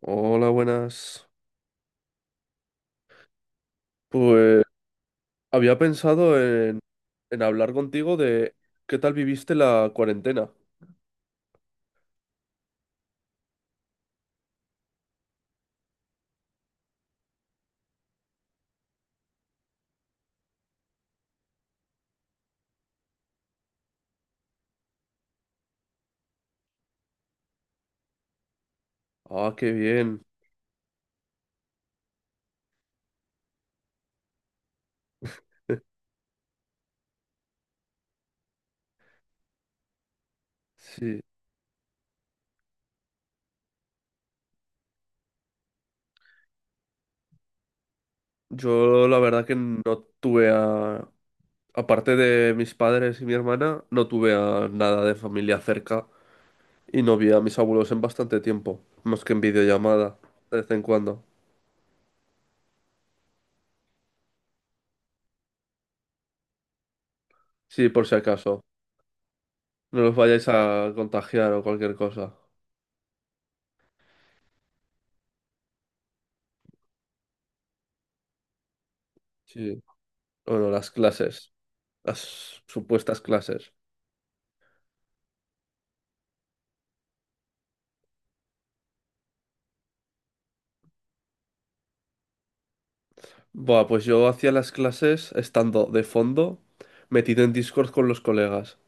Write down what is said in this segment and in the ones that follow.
Hola, buenas. Pues había pensado en hablar contigo de qué tal viviste la cuarentena. Ah, qué bien. Sí. Yo la verdad que no tuve a... Aparte de mis padres y mi hermana, no tuve a nada de familia cerca y no vi a mis abuelos en bastante tiempo, más que en videollamada, de vez en cuando. Sí, por si acaso. No los vayáis a contagiar o cualquier cosa. Sí. Bueno, las supuestas clases. Buah, pues yo hacía las clases estando de fondo, metido en Discord con los colegas.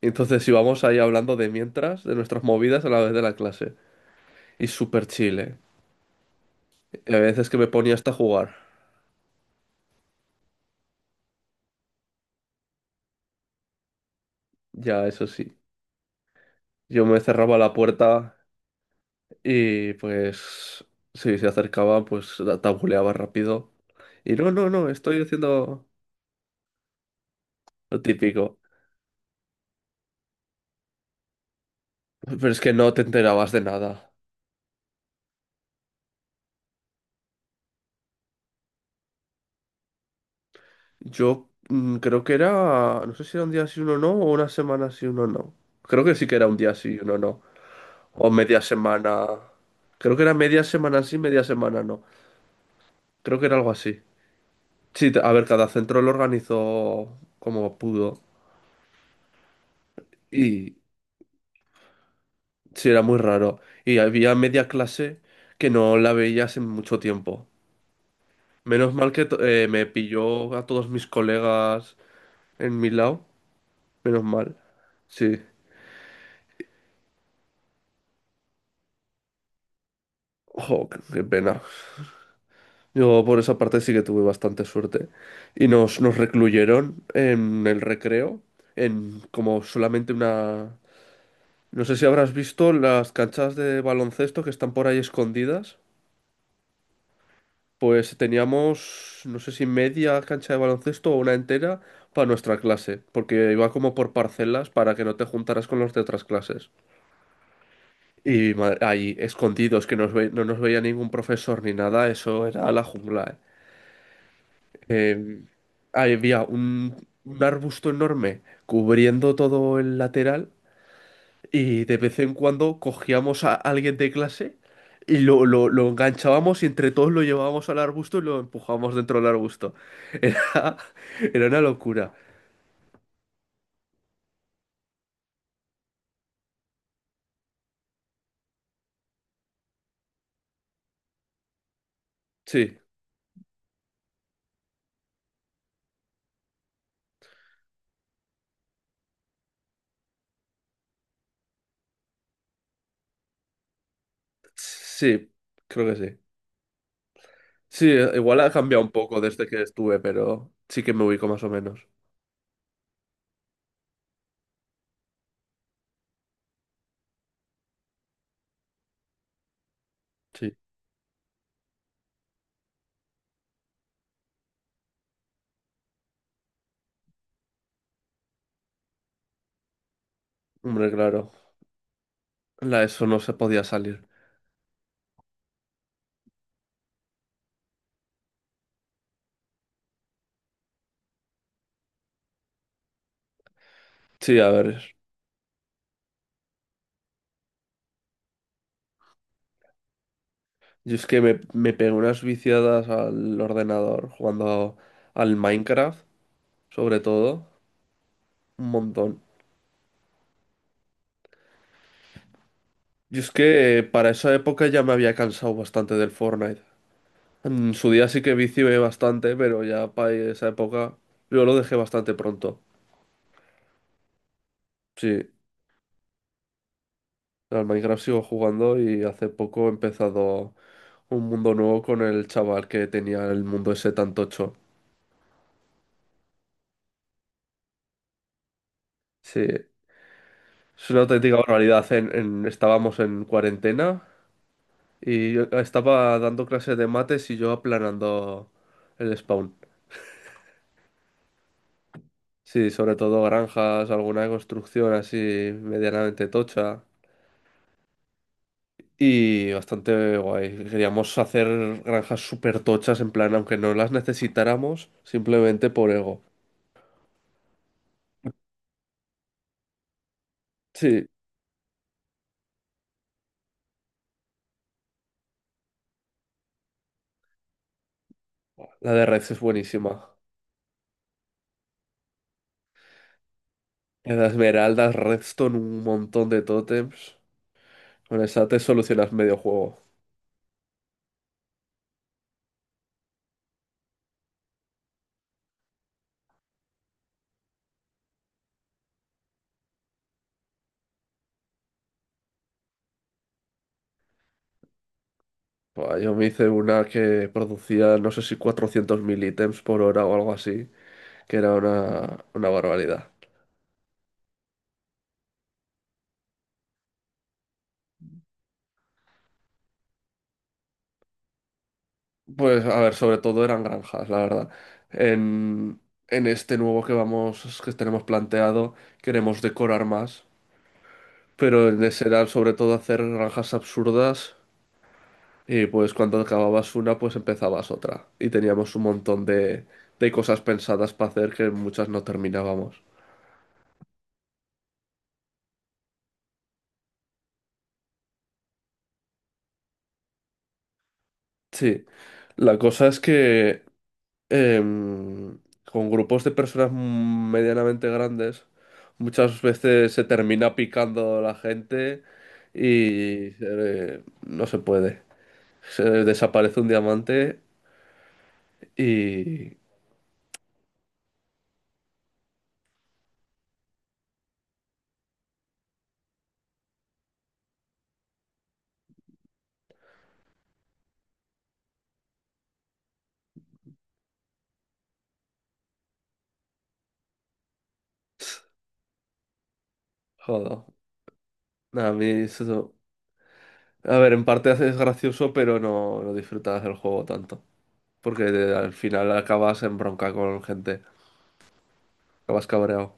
Y entonces íbamos ahí hablando de mientras, de nuestras movidas a la vez de la clase. Y súper chile. Y a veces que me ponía hasta jugar. Ya, eso sí. Yo me cerraba la puerta y pues si se acercaba, pues la tabuleaba rápido. Y no, no, no, estoy haciendo lo típico. Pero es que no te enterabas de nada. Yo creo que era, no sé si era un día sí, uno no, o una semana sí, uno no. Creo que sí que era un día sí, uno no. O media semana. Creo que era media semana sí, media semana no. Creo que era algo así. Sí, a ver, cada centro lo organizó como pudo. Y sí, era muy raro. Y había media clase que no la veía hace mucho tiempo. Menos mal que me pilló a todos mis colegas en mi lado. Menos mal. Sí. Ojo, qué pena. Yo por esa parte sí que tuve bastante suerte. Y nos recluyeron en el recreo, en como solamente una. No sé si habrás visto las canchas de baloncesto que están por ahí escondidas. Pues teníamos, no sé si media cancha de baloncesto o una entera para nuestra clase, porque iba como por parcelas para que no te juntaras con los de otras clases. Y ahí escondidos, que no nos veía ningún profesor ni nada, eso era la jungla, ¿eh? eh, había un arbusto enorme cubriendo todo el lateral y de vez en cuando cogíamos a alguien de clase y lo enganchábamos y entre todos lo llevábamos al arbusto y lo empujábamos dentro del arbusto. Era, era una locura. Sí, sí, creo que sí. Sí, igual ha cambiado un poco desde que estuve, pero sí que me ubico más o menos. Sí, hombre, claro. La ESO no se podía salir. Sí, a ver. Yo es que me pegué unas viciadas al ordenador jugando al Minecraft, sobre todo, un montón. Yo es que para esa época ya me había cansado bastante del Fortnite. En su día sí que vicié bastante, pero ya para esa época yo lo dejé bastante pronto. Sí, al Minecraft sigo jugando y hace poco he empezado un mundo nuevo con el chaval que tenía el mundo ese tan tocho. Sí, es una auténtica barbaridad. Estábamos en cuarentena. Y yo estaba dando clases de mates y yo aplanando el spawn. Sí, sobre todo granjas, alguna construcción así medianamente tocha. Y bastante guay. Queríamos hacer granjas súper tochas, en plan, aunque no las necesitáramos, simplemente por ego. Sí, la de Reds es buenísima. La de Esmeraldas, Redstone, un montón de tótems. Con esa te solucionas medio juego. Buah, yo me hice una que producía, no sé si 400.000 ítems por hora o algo así. Que era una barbaridad. Pues a ver, sobre todo eran granjas, la verdad. En, en este nuevo que vamos, que tenemos planteado, queremos decorar más, pero en ese era sobre todo hacer granjas absurdas y pues cuando acababas una, pues empezabas otra. Y teníamos un montón de cosas pensadas para hacer que muchas no terminábamos. Sí, la cosa es que em, con grupos de personas medianamente grandes, muchas veces se termina picando la gente y no se puede. Se desaparece un diamante y... Joder, a mí eso... A ver, en parte es gracioso, pero no, no disfrutas del juego tanto. Porque al final acabas en bronca con gente, acabas cabreado.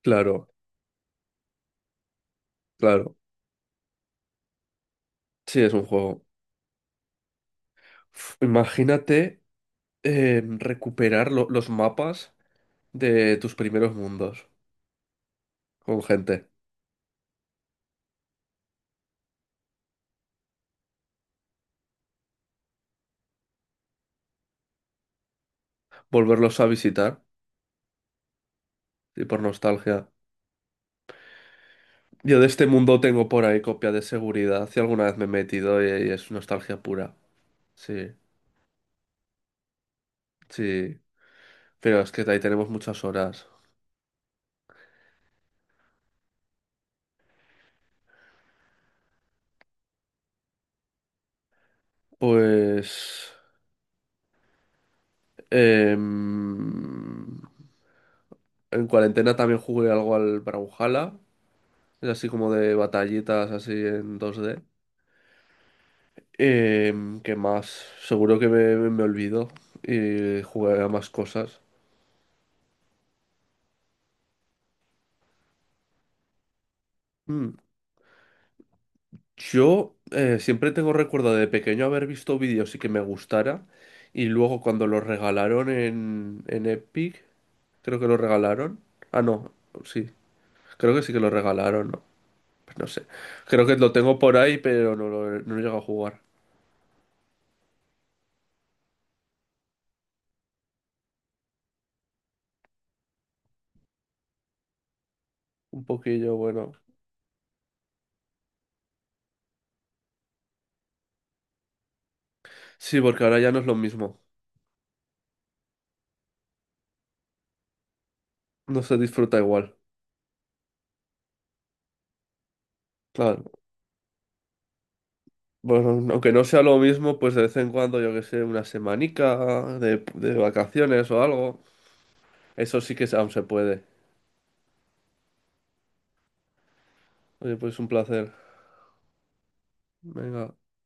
Claro, claro. Sí, es un juego. Uf, imagínate. Recuperar los mapas de tus primeros mundos con gente, volverlos a visitar y por nostalgia. Yo de este mundo tengo por ahí copia de seguridad, si alguna vez me he metido y es nostalgia pura. Sí, sí, pero es que de ahí tenemos muchas horas. Pues... em, en cuarentena también jugué algo al Brawlhalla, es así como de batallitas así en 2D. ¿Qué más? Seguro que me olvido y jugaré a más cosas. Mm, Yo siempre tengo recuerdo de pequeño haber visto vídeos y que me gustara. Y luego cuando los regalaron en Epic, creo que lo regalaron. Ah, no, sí, creo que sí que lo regalaron, ¿no? Pues no sé. Creo que lo tengo por ahí, pero no he llegado a jugar. Un poquillo, bueno. Sí, porque ahora ya no es lo mismo. No se disfruta igual. Claro. Bueno, aunque no sea lo mismo, pues de vez en cuando, yo que sé, una semanica de vacaciones o algo. Eso sí que aún se puede. Oye, pues un placer. Venga.